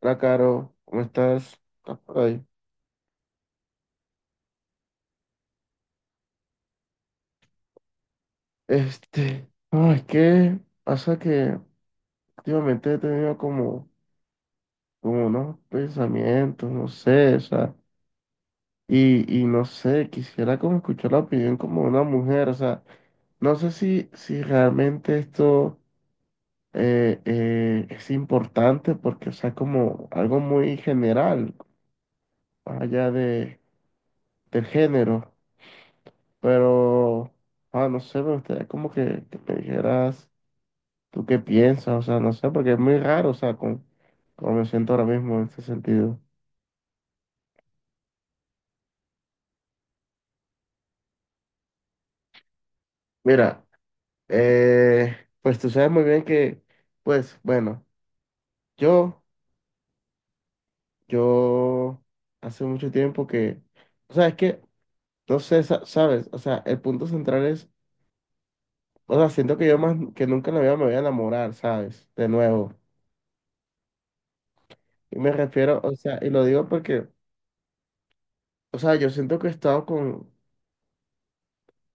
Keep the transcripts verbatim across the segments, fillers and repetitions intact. Hola, Caro, ¿cómo estás? ¿Estás por ahí? Este, no, es que pasa que últimamente he tenido como, como unos pensamientos, no sé, o sea, y, y no sé, quisiera como escuchar la opinión como de una mujer, o sea, no sé si, si realmente esto eh, eh, es importante porque, o sea, como algo muy general, más allá de, del género, pero, ah, no sé, me gustaría como que, que me dijeras. ¿Tú qué piensas? O sea, no sé, porque es muy raro, o sea, con, como me siento ahora mismo en ese sentido. Mira, eh, pues tú sabes muy bien que, pues, bueno, yo, yo hace mucho tiempo que, o sea, es que, no sé, sa- sabes, o sea, el punto central es, o sea, siento que yo más que nunca en la vida me voy a enamorar, ¿sabes? De nuevo. Y me refiero, o sea, y lo digo porque, o sea, yo siento que he estado con,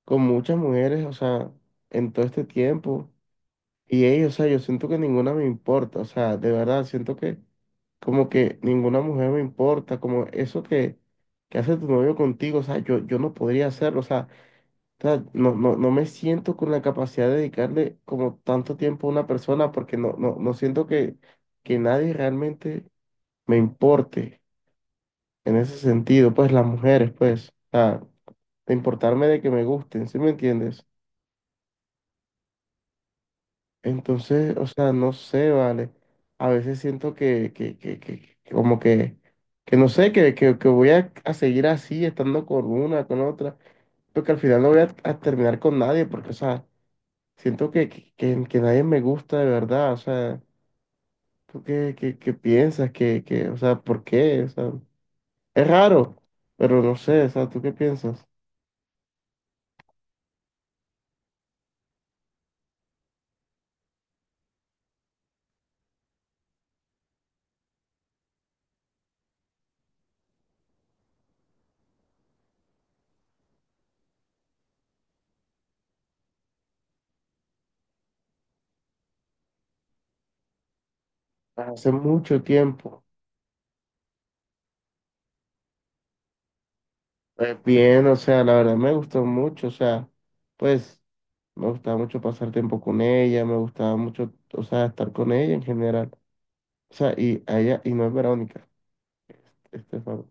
con muchas mujeres, o sea, en todo este tiempo. Y ellos, o sea, yo siento que ninguna me importa, o sea, de verdad, siento que como que ninguna mujer me importa, como eso que, que hace tu novio contigo, o sea, yo, yo no podría hacerlo, o sea, o sea, no, no, no me siento con la capacidad de dedicarle como tanto tiempo a una persona porque no, no, no siento que, que nadie realmente me importe en ese sentido, pues las mujeres, pues, o sea, de importarme de que me gusten, ¿sí me entiendes? Entonces, o sea, no sé, vale. A veces siento que, que, que, que- que como que, que no sé, que, que, que voy a, a seguir así, estando con una, con otra, porque al final no voy a, a terminar con nadie, porque, o sea, siento que, que, que- que nadie me gusta de verdad, o sea, ¿tú qué, qué, qué piensas? que que o sea, ¿por qué? O sea, es raro, pero no sé, o sea, ¿tú qué piensas? Hace mucho tiempo. Pues bien, o sea, la verdad me gustó mucho, o sea, pues me gustaba mucho pasar tiempo con ella, me gustaba mucho, o sea, estar con ella en general. O sea, y a ella, y no es Verónica, Estefan.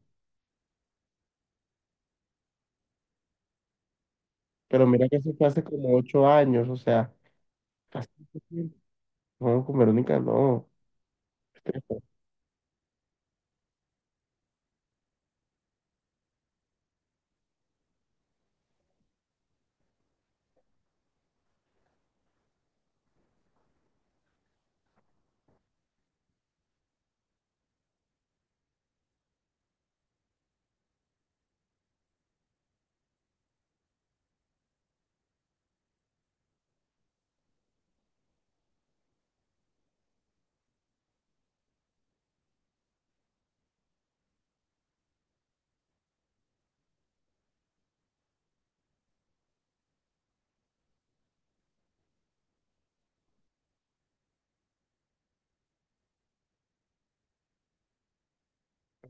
Pero mira que eso fue hace como ocho años, o sea, hace mucho tiempo. No, con Verónica no, Estefan.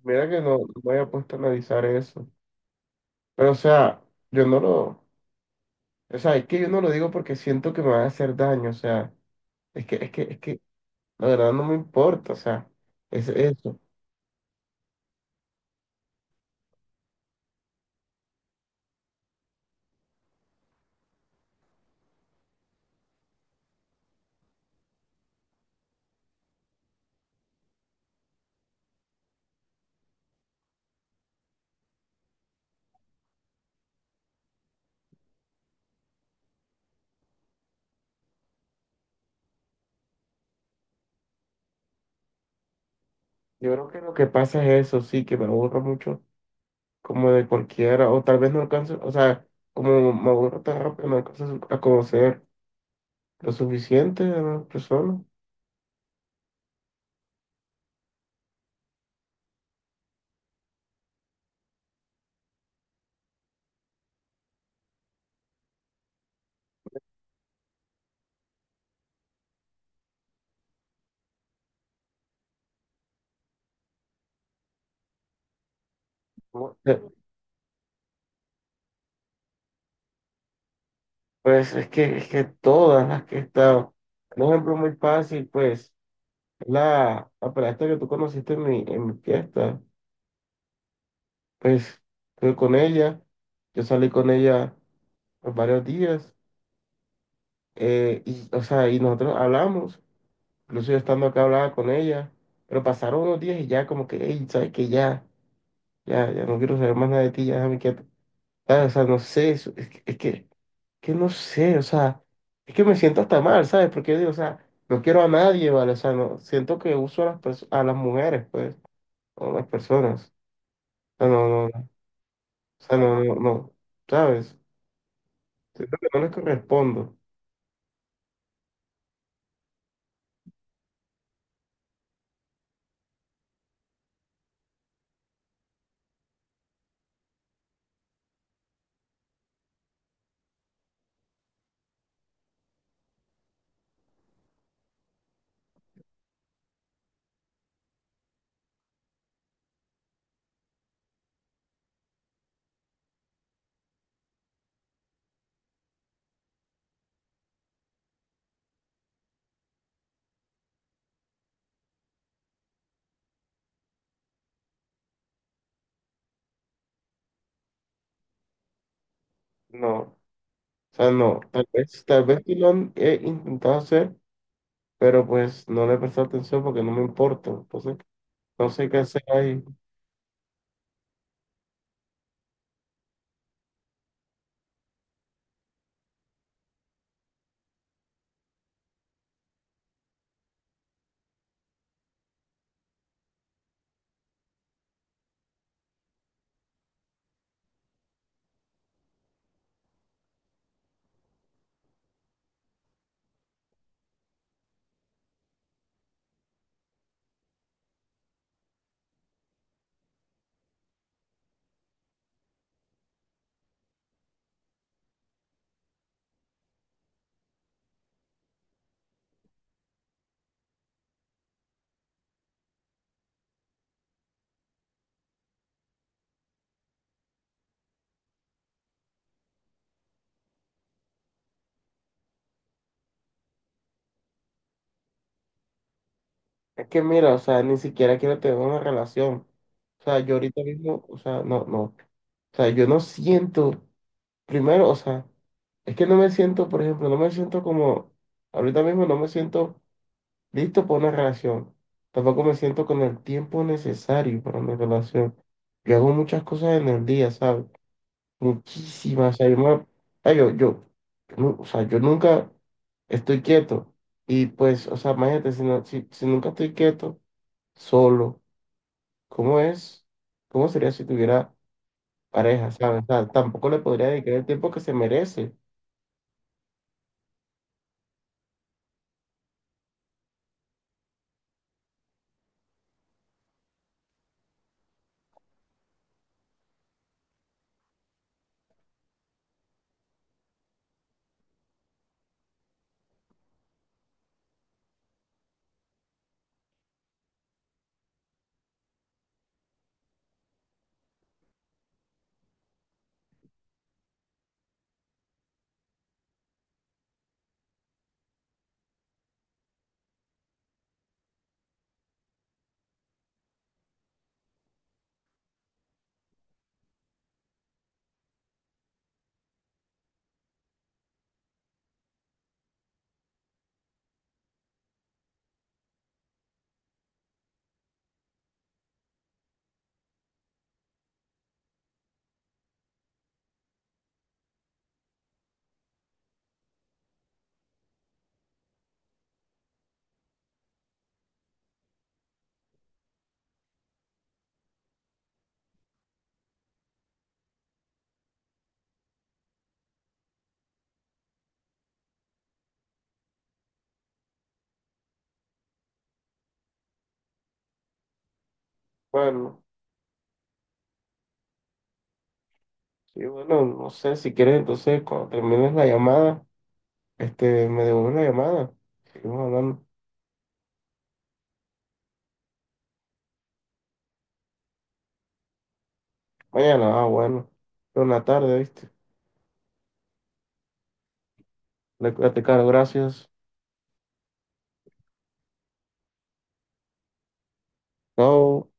Mira que no, no me había puesto a analizar eso. Pero, o sea, yo no lo, o sea, es que yo no lo digo porque siento que me va a hacer daño, o sea, es que, es que, es que, la verdad no me importa, o sea, es eso. Yo creo que lo que pasa es eso, sí, que me aburro mucho, como de cualquiera, o tal vez no alcanzo, o sea, como me aburro tan rápido, no alcanzo a conocer lo suficiente de las personas. Bueno, pues es que, es que todas las que he estado, un ejemplo muy fácil, pues, es la, la pelada que tú conociste en mi, en mi fiesta, pues, estuve con ella, yo salí con ella por varios días, eh, y, o sea, y nosotros hablamos. Incluso yo estando acá hablaba con ella, pero pasaron unos días y ya como que, hey, ¿sabes que ya, ya, ya no quiero saber más nada de ti, ya déjame quieto? ¿Sabes? O sea, no sé, eso- es que, es que, que no sé, o sea, es que me siento hasta mal, ¿sabes? Porque yo digo, o sea, no quiero a nadie, ¿vale? O sea, no, siento que uso a las perso- a las mujeres, pues, o a las personas. O sea, no, no, no, o sea, no, no, no, ¿sabes? Siento que no les correspondo, no, o sea, no, tal vez, tal vez sí lo han- he intentado hacer, pero pues no le presté atención porque no me importa. Entonces, no sé qué hacer ahí. Es que mira, o sea, ni siquiera quiero tener una relación. O sea, yo ahorita mismo, o sea, no, no. O sea, yo no siento, primero, o sea, es que no me siento, por ejemplo, no me siento como, ahorita mismo no me siento listo para una relación. Tampoco me siento con el tiempo necesario para una relación. Yo hago muchas cosas en el día, ¿sabes? Muchísimas. O sea, yo, me- ah, yo, yo, yo no, o sea, yo nunca estoy quieto. Y pues, o sea, imagínate, si, no, si, si nunca estoy quieto, solo, ¿cómo es? ¿Cómo sería si tuviera pareja, sabes? O sea, tampoco le podría dedicar el tiempo que se merece. Bueno, sí, bueno, no sé, si quieres, entonces, cuando termines la llamada, este, me devuelves la llamada. Seguimos hablando mañana, ah, bueno, pero en la tarde, ¿viste? Le, te caro, gracias. Chao.